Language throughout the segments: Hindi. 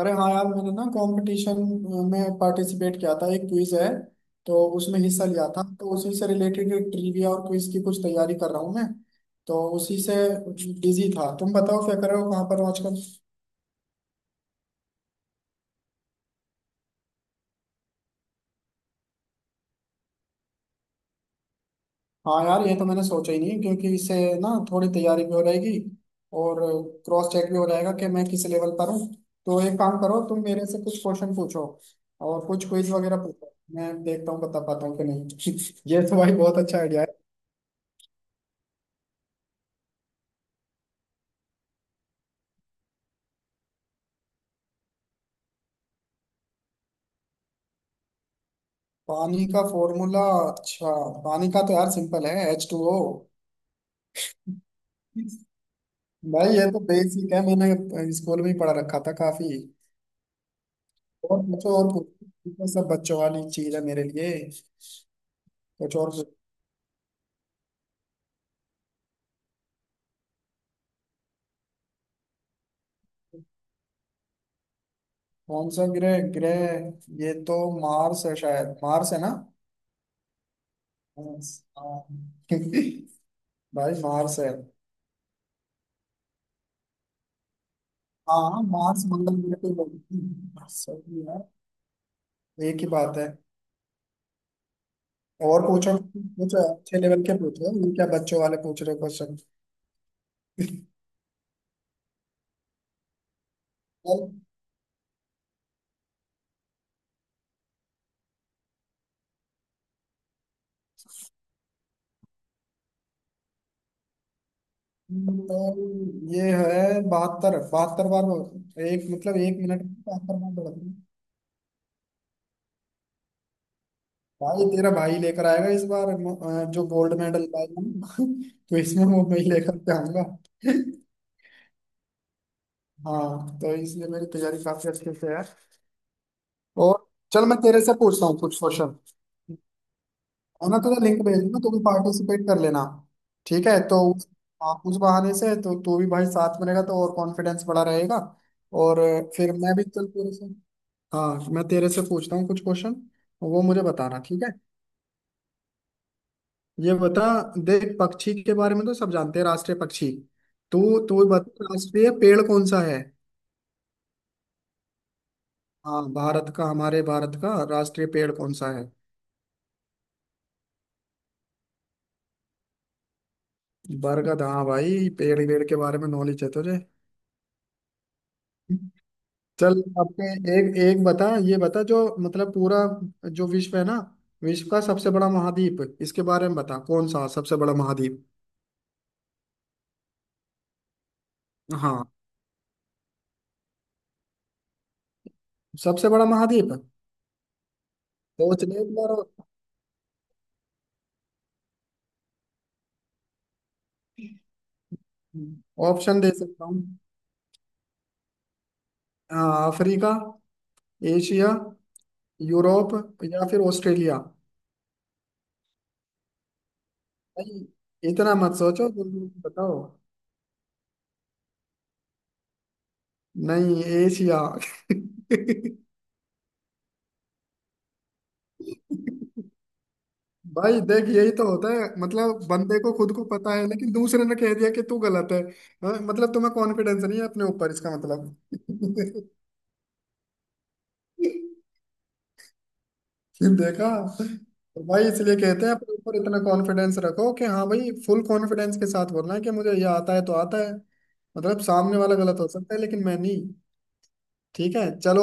अरे हाँ यार, मैंने ना कंपटीशन में पार्टिसिपेट किया था। एक क्विज है तो उसमें हिस्सा लिया था, तो उसी से रिलेटेड ट्रिविया और क्विज की कुछ तैयारी कर रहा हूँ मैं। तो उसी से बिजी था। तुम बताओ क्या कर रहे हो, कहाँ पर हो आजकल? हाँ यार, ये तो मैंने सोचा ही नहीं, क्योंकि इससे ना थोड़ी तैयारी भी हो जाएगी और क्रॉस चेक भी हो जाएगा कि मैं किस लेवल पर हूँ। तो एक काम करो, तुम मेरे से कुछ क्वेश्चन पूछो और कुछ क्विज वगैरह पूछो। मैं देखता हूँ बता पाता हूँ कि नहीं। ये तो भाई बहुत अच्छा आइडिया। पानी का फॉर्मूला, अच्छा। पानी का तो यार सिंपल है, H2O। भाई ये तो बेसिक है, मैंने स्कूल में ही पढ़ा रखा था काफी। और पूछो और पूछो, ये तो सब बच्चों वाली चीज है मेरे लिए। कुछ और पूछो। कौन सा ग्रह ग्रह, ये तो मार्स है, शायद मार्स है ना। मार्स, हाँ। भाई मार्स है। हाँ मार्स, मंगल ग्रह पे बोलते हैं। सही है। एक ही बात है। और पूछो पूछो, अच्छे लेवल के पूछो, ये क्या बच्चों वाले पूछ रहे हो क्वेश्चन? तो ये है बहत्तर, बहत्तर बार, एक मतलब 1 मिनट में 72 बार दौड़ती है। भाई तेरा भाई लेकर आएगा इस बार, जो गोल्ड मेडल लाएगा ना, तो इसमें वो मैं ही लेकर के आऊंगा। हाँ, तो इसलिए मेरी तैयारी काफी अच्छे से है। और चल मैं तेरे से पूछता हूँ कुछ क्वेश्चन। है ना, तुझे लिंक भेज दूंगा, तू भी पार्टिसिपेट कर लेना। ठीक है तो उस, हाँ, उस बहाने से तो तू भी भाई साथ में रहेगा तो और कॉन्फिडेंस बढ़ा रहेगा। और फिर मैं भी चल तेरे से, हाँ मैं तेरे से पूछता हूँ कुछ क्वेश्चन। वो मुझे बताना, ठीक है? ये बता, देख पक्षी के बारे में तो सब जानते हैं, राष्ट्रीय पक्षी। तू तू बता, राष्ट्रीय पेड़ कौन सा है? हाँ भारत का, हमारे भारत का राष्ट्रीय पेड़ कौन सा है? बरगद, हाँ भाई, पेड़ पेड़ के बारे में नॉलेज है तुझे। चल अपने, एक एक बता, ये बता जो मतलब पूरा जो विश्व है ना, विश्व का सबसे बड़ा महाद्वीप, इसके बारे में बता, कौन सा सबसे बड़ा महाद्वीप? हाँ। सबसे बड़ा महाद्वीप, सोच ले एक बार। ऑप्शन दे सकता हूँ? अ, अफ्रीका, एशिया, यूरोप, या फिर ऑस्ट्रेलिया। नहीं, इतना मत सोचो, जल्दी बताओ। नहीं, एशिया। भाई देख, यही तो होता है, मतलब बंदे को खुद को पता है, लेकिन दूसरे ने कह दिया कि तू गलत है, हाँ, मतलब तुम्हें कॉन्फिडेंस नहीं है अपने ऊपर, इसका मतलब। फिर देखा, तो भाई इसलिए कहते हैं अपने ऊपर इतना कॉन्फिडेंस रखो कि हाँ भाई, फुल कॉन्फिडेंस के साथ बोलना है कि मुझे ये आता है तो आता है। मतलब सामने वाला गलत हो सकता है लेकिन मैं नहीं। ठीक है, चलो।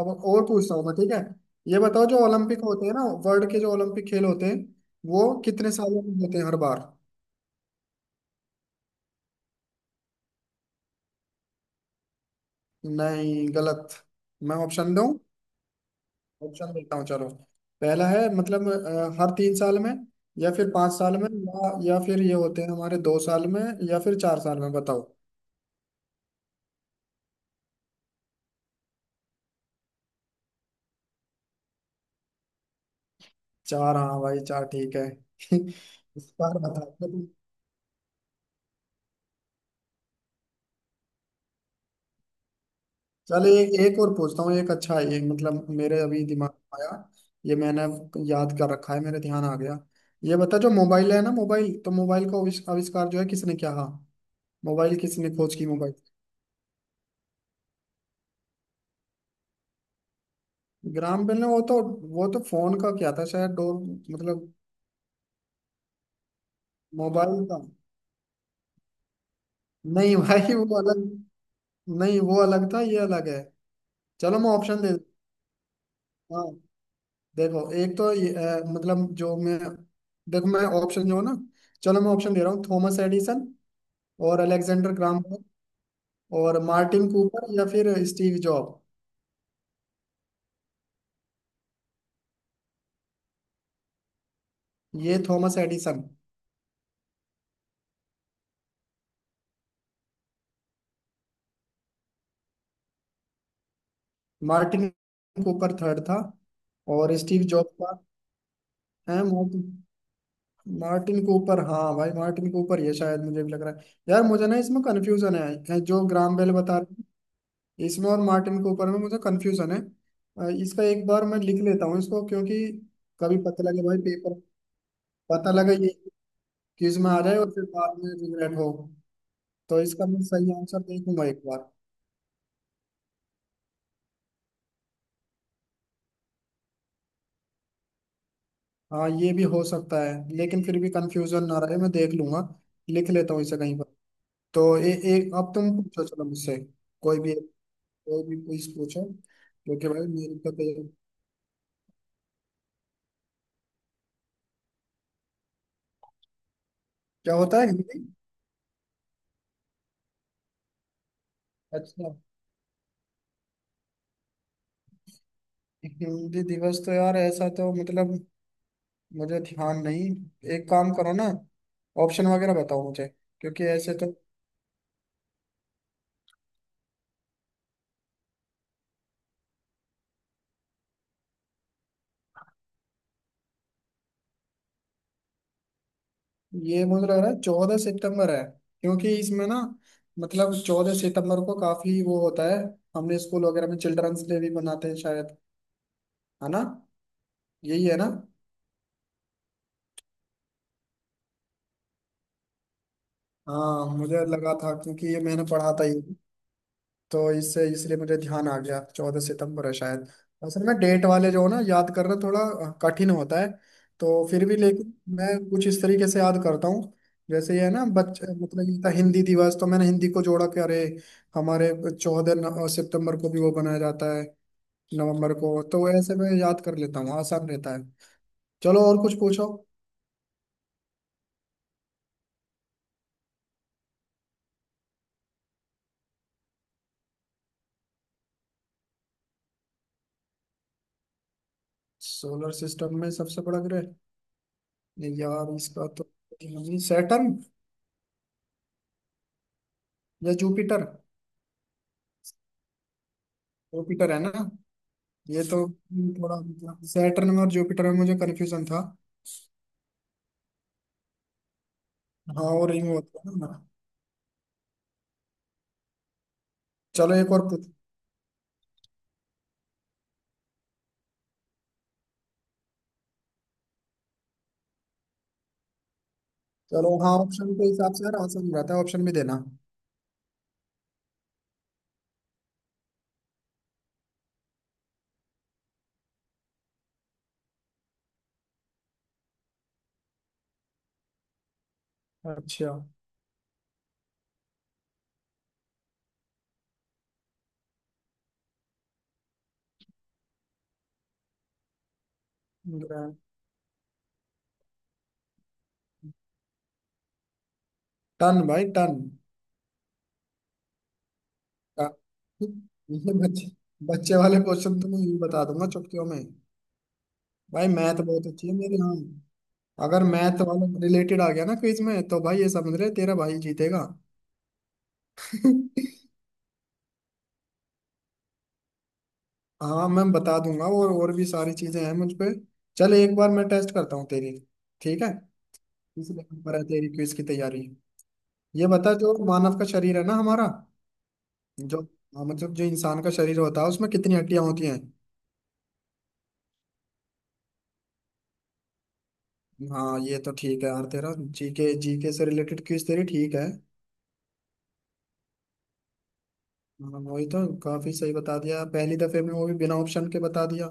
अब और पूछता हूँ मैं, ठीक है? ये बताओ, जो ओलंपिक होते हैं ना, वर्ल्ड के जो ओलंपिक खेल होते हैं, वो कितने सालों में होते हैं हर बार? नहीं, गलत। मैं ऑप्शन दूं? ऑप्शन देता हूँ, चलो। पहला है मतलब हर 3 साल में, या फिर 5 साल में, या फिर ये होते हैं हमारे 2 साल में, या फिर 4 साल में, बताओ। चार, हाँ भाई चार, ठीक है। इस बार बताओ तुम। चलो एक एक और पूछता हूँ, एक अच्छा है ये, मतलब मेरे अभी दिमाग में आया। ये मैंने याद कर रखा है, मेरे ध्यान आ गया। ये बता, जो मोबाइल है ना मोबाइल, तो मोबाइल का आविष्कार जो है किसने किया, हाँ? मोबाइल किसने खोज की, मोबाइल? ग्राम बेल ने, वो तो, वो तो फोन का क्या था शायद, डोर। मतलब मोबाइल का, नहीं भाई वो अलग, नहीं वो अलग था, ये अलग है। चलो मैं ऑप्शन दे, हाँ। देखो एक तो ये, मतलब जो मैं, देखो मैं ऑप्शन जो है ना, चलो मैं ऑप्शन दे रहा हूँ। थॉमस एडिसन और अलेक्जेंडर ग्राम बेल और मार्टिन कूपर या फिर स्टीव जॉब। ये Thomas Edison, Martin Cooper third था, और स्टीव जॉब का है। मार्टिन, मार्टिन कूपर, हाँ भाई मार्टिन कूपर, ये शायद मुझे भी लग रहा है यार, मुझे ना इसमें कन्फ्यूजन है जो ग्राम बेल, बता, इसमें और मार्टिन कूपर में मुझे कंफ्यूजन है। इसका एक बार मैं लिख लेता हूँ इसको, क्योंकि कभी पता लगे भाई पेपर, पता लगे ये क्विज में आ जाए और फिर बाद में रिग्रेट हो। तो इसका मैं सही आंसर देखूंगा एक बार। हाँ, ये भी हो सकता है लेकिन फिर भी कंफ्यूजन ना रहे, मैं देख लूंगा। लिख लेता हूँ इसे कहीं पर। तो एक अब तुम पूछो चलो मुझसे। कोई भी, कोई भी क्विज पूछो, क्योंकि भाई मेरे को तो। क्या होता है हिंदी? अच्छा, हिंदी दिवस तो यार ऐसा तो मतलब, मुझे ध्यान नहीं। एक काम करो ना, ऑप्शन वगैरह बताओ मुझे, क्योंकि ऐसे तो। ये मुझे लग रहा है 14 सितंबर है, क्योंकि इसमें ना मतलब 14 सितंबर को काफी वो होता है। हमने स्कूल वगैरह में चिल्ड्रंस डे भी मनाते हैं शायद, है ना? यही है ना। हाँ मुझे लगा था क्योंकि ये मैंने पढ़ा था ये। तो इससे इसलिए मुझे ध्यान आ गया, 14 सितंबर है शायद। असल में डेट वाले जो हो ना, याद करना थोड़ा कठिन होता है। तो फिर भी लेकिन मैं कुछ इस तरीके से याद करता हूँ, जैसे ये है ना बच्चे, मतलब ये था हिंदी दिवस, तो मैंने हिंदी को जोड़ा कि अरे हमारे 14 सितंबर को भी वो बनाया जाता है। नवंबर को, तो ऐसे मैं याद कर लेता हूँ, आसान रहता है। चलो और कुछ पूछो। सोलर सिस्टम में सबसे बड़ा ग्रह, नहीं यार इसका तो सैटर्न या जुपिटर। जुपिटर है ना? ये तो थोड़ा मतलब, सैटर्न में और जुपिटर में मुझे कंफ्यूजन था। हाँ हाँ, और रिंग होता है ना। चलो एक और पूछ। चलो हाँ, ऑप्शन के हिसाब से यार आसान रहता है, ऑप्शन भी देना। अच्छा। ग्रैंड। टन, भाई टन। हाँ। ये बच्चे, बच्चे वाले क्वेश्चन तो मैं यूं बता दूंगा चुटकियों में। भाई मैथ बहुत अच्छी है मेरी, हाँ। अगर मैथ वाला रिलेटेड आ गया ना क्विज में, तो भाई ये समझ रहे, तेरा भाई जीतेगा। हाँ मैं बता दूंगा, और भी सारी चीजें हैं मुझ पे। चल एक बार मैं टेस्ट करता हूँ तेरी, ठीक है? इसलिए पर है तेरी क्विज की तैयारी। ये बता, जो मानव का शरीर है ना हमारा, जो हाँ, मतलब जो इंसान का शरीर होता है, उसमें कितनी हड्डियां होती हैं? हाँ ये तो ठीक है यार, तेरा GK, GK से रिलेटेड क्विज तेरी ठीक है। हाँ, वही तो काफी सही बता दिया पहली दफे में, वो भी बिना ऑप्शन के बता दिया।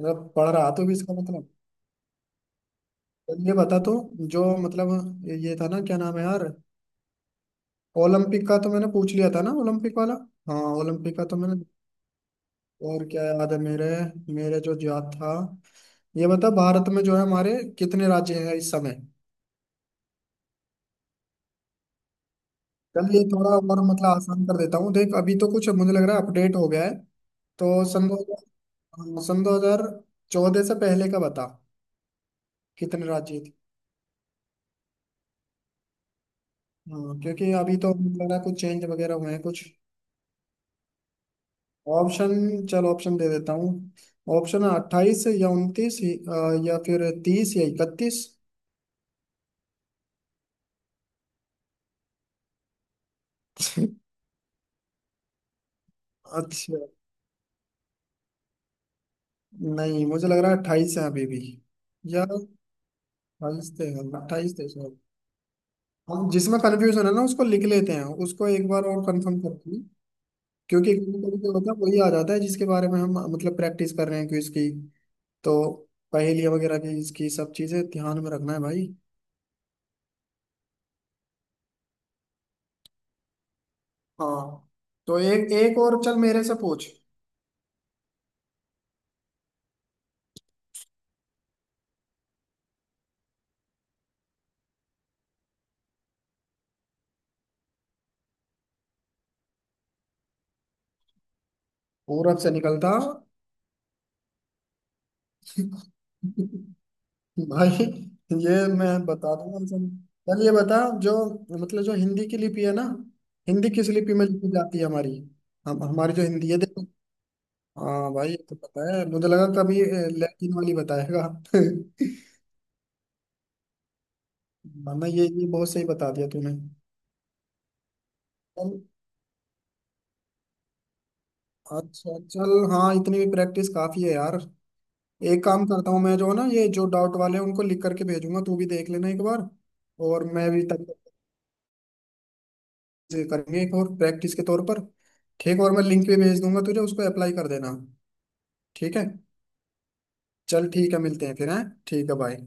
मतलब पढ़ रहा तो भी इसका मतलब। तो ये बता तो, जो मतलब ये था ना, क्या नाम है यार, ओलंपिक का तो मैंने पूछ लिया था ना, ओलंपिक वाला। हाँ ओलंपिक का तो मैंने, और क्या याद है मेरे, मेरे जो याद था। ये बता, भारत में जो है हमारे, कितने राज्य हैं इस समय? चल ये थोड़ा और मतलब आसान कर देता हूँ, देख अभी तो कुछ मुझे लग रहा है अपडेट हो गया है। तो सन 2014 से पहले का बता, कितने राज्य थे? हाँ क्योंकि अभी तो मुझे लग रहा है कुछ चेंज वगैरह हुए हैं कुछ। ऑप्शन, चल ऑप्शन दे देता हूँ। ऑप्शन है 28 या 29, या फिर 30 या 31। अच्छा, नहीं मुझे लग रहा है 28 है अभी भी, या 28 थे। अट्ठाईस थे। हम जिसमें कंफ्यूजन है ना उसको लिख लेते हैं, उसको एक बार और कंफर्म करते हैं। क्योंकि कभी कभी क्या होता है, वही आ जाता है जिसके बारे में हम मतलब प्रैक्टिस कर रहे हैं क्विज की। तो पहेलियाँ वगैरह की, इसकी सब चीजें ध्यान में रखना है भाई। हाँ तो एक एक और चल मेरे से पूछ। पूरब से निकलता। भाई ये मैं बता दूंगा, चल। चल ये बता, जो मतलब जो हिंदी की लिपि है ना, हिंदी किस लिपि में लिखी जाती है हमारी? हम हमारी जो हिंदी है देखो। हाँ भाई ये तो पता है, मुझे लगा कभी लैटिन वाली बताएगा। वरना ये, बहुत सही बता दिया तूने। चल अच्छा चल, हाँ इतनी भी प्रैक्टिस काफी है यार। एक काम करता हूँ मैं, जो ना ये जो डाउट वाले हैं उनको लिख करके भेजूंगा, तू भी देख लेना एक बार। और मैं भी तब तक से करेंगे एक और प्रैक्टिस के तौर पर। ठीक, और मैं लिंक भी भेज दूंगा तुझे, उसको अप्लाई कर देना। ठीक है, चल ठीक है मिलते हैं फिर हैं। ठीक है बाय।